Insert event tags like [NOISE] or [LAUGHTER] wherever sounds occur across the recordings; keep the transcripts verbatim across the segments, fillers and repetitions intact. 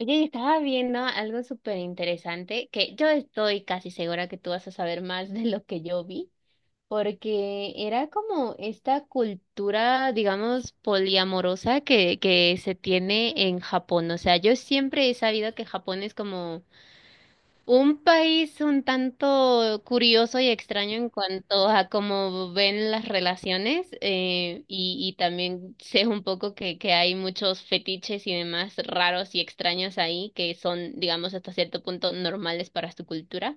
Oye, y estaba viendo algo súper interesante que yo estoy casi segura que tú vas a saber más de lo que yo vi, porque era como esta cultura, digamos, poliamorosa que, que se tiene en Japón. O sea, yo siempre he sabido que Japón es como un país un tanto curioso y extraño en cuanto a cómo ven las relaciones eh, y, y también sé un poco que, que hay muchos fetiches y demás raros y extraños ahí que son, digamos, hasta cierto punto normales para su cultura.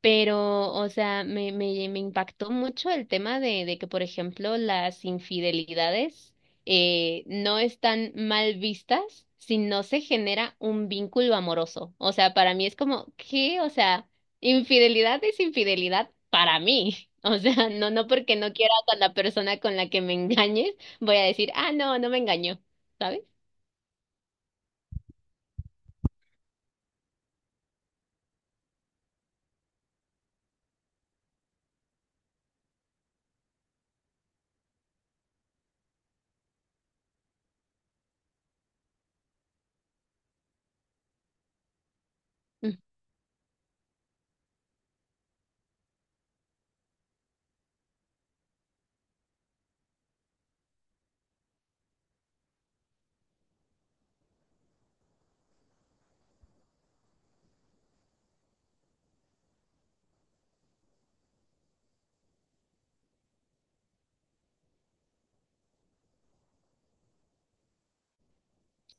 Pero, o sea, me, me, me impactó mucho el tema de, de que, por ejemplo, las infidelidades eh, no están mal vistas si no se genera un vínculo amoroso. O sea, para mí es como, ¿qué? O sea, infidelidad es infidelidad para mí. [LAUGHS] O sea, no, no porque no quiera con la persona con la que me engañes, voy a decir, ah, no, no me engañó, ¿sabes? Mm.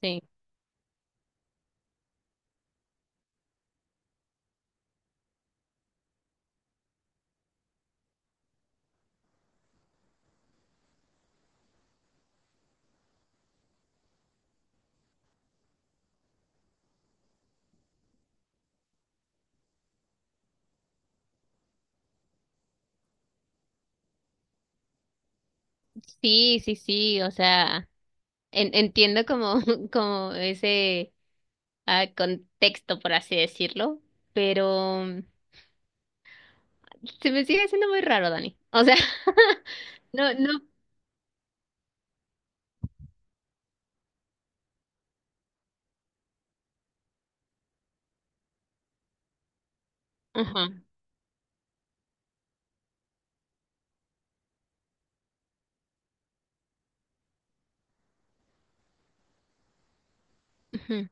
Sí, sí, sí, sí, o sea, en- entiendo como, [LAUGHS] como ese a contexto, por así decirlo, pero se me sigue haciendo muy raro, Dani. O sea, [LAUGHS] no, no. Ajá. Ujú.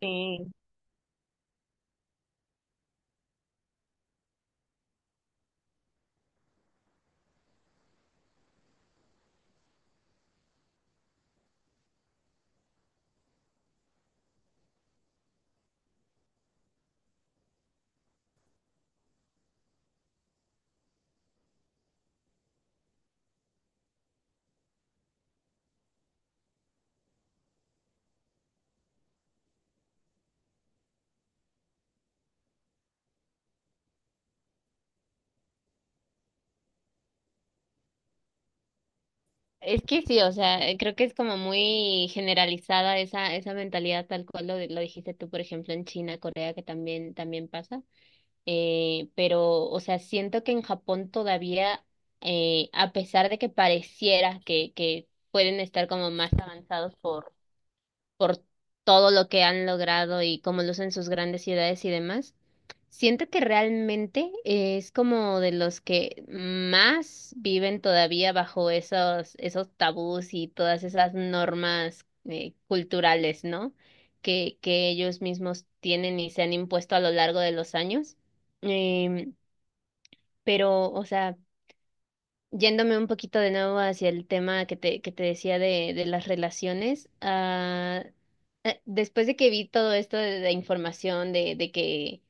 Sí. Es que sí, o sea, eh, creo que es como muy generalizada esa, esa mentalidad tal cual lo, de- lo dijiste tú, por ejemplo, en China, Corea, que también, también pasa. Eh, pero, o sea, siento que en Japón todavía, eh, a pesar de que pareciera que, que pueden estar como más avanzados por todo lo que han logrado y cómo lucen sus grandes ciudades y demás, siento que realmente es como de los que más viven todavía bajo esos, esos tabús y todas esas normas eh, culturales, ¿no? Que, que ellos mismos tienen y se han impuesto a lo largo de los años. Em, pero, o sea... Yéndome un poquito de nuevo hacia el tema que te, que te decía de, de las relaciones, ah, eh, después de que vi todo esto de, de información, de, de que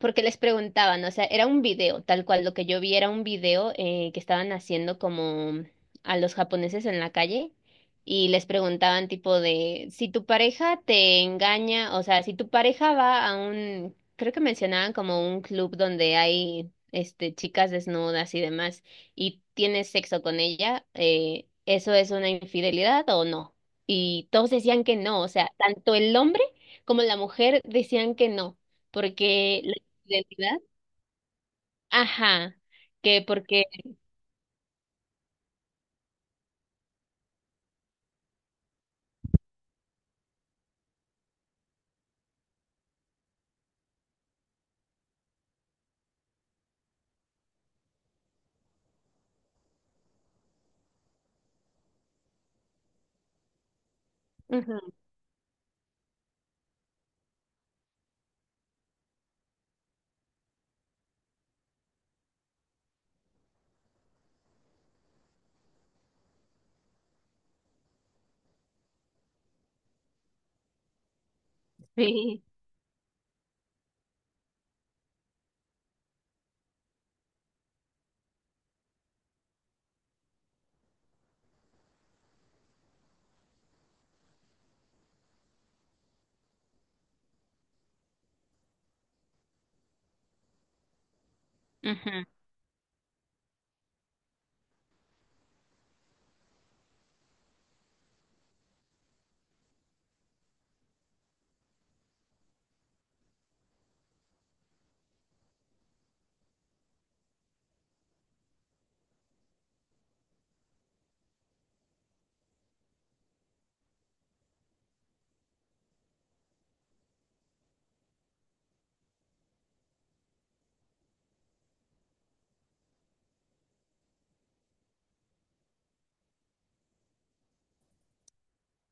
porque les preguntaban, o sea, era un video, tal cual lo que yo vi era un video eh, que estaban haciendo como a los japoneses en la calle y les preguntaban tipo de, si tu pareja te engaña, o sea, si tu pareja va a un, creo que mencionaban como un club donde hay este chicas desnudas y demás y tienes sexo con ella, eh, ¿eso es una infidelidad o no? Y todos decían que no, o sea, tanto el hombre como la mujer decían que no porque identidad. Ajá, que porque... Ujú, sí.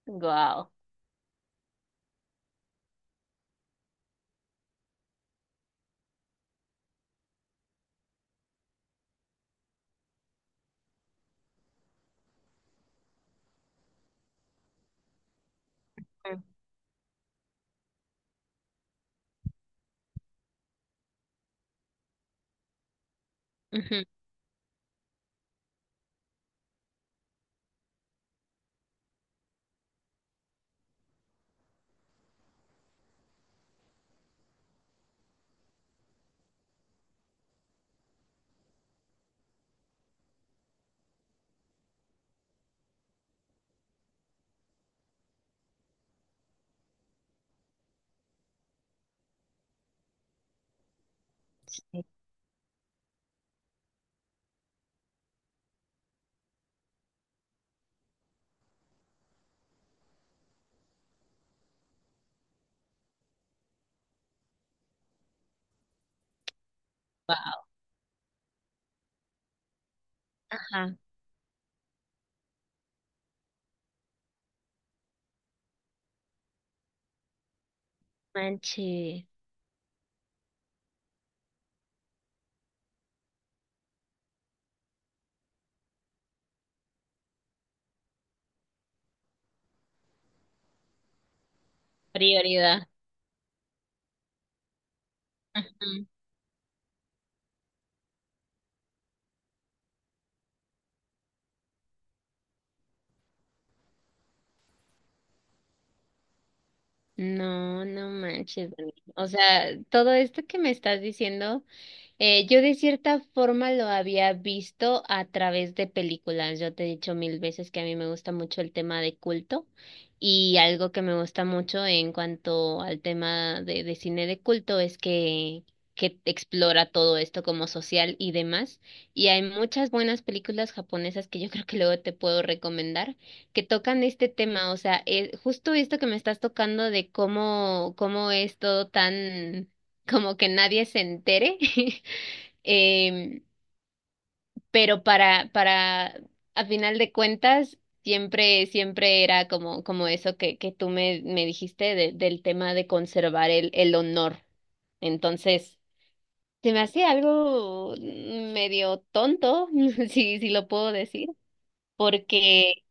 Wow. Ajá, manche, prioridad. Ujú. No, no manches, Dani. O sea, todo esto que me estás diciendo... Eh, yo de cierta forma lo había visto a través de películas. Yo te he dicho mil veces que a mí me gusta mucho el tema de culto y algo que me gusta mucho en cuanto al tema de, de cine de culto es que, que explora todo esto como social y demás. Y hay muchas buenas películas japonesas que yo [LAUGHS] creo que luego te puedo recomendar que tocan este tema. O sea, eh, justo esto que me estás tocando de cómo, cómo es todo tan... como que nadie se entere [LAUGHS] Em, pero para, para, a final de cuentas, siempre, siempre era como, como eso que, que tú me, me dijiste de- del tema de conservar el, el honor. Entonces, se me hacía algo medio tonto, [LAUGHS] si, si lo puedo decir, porque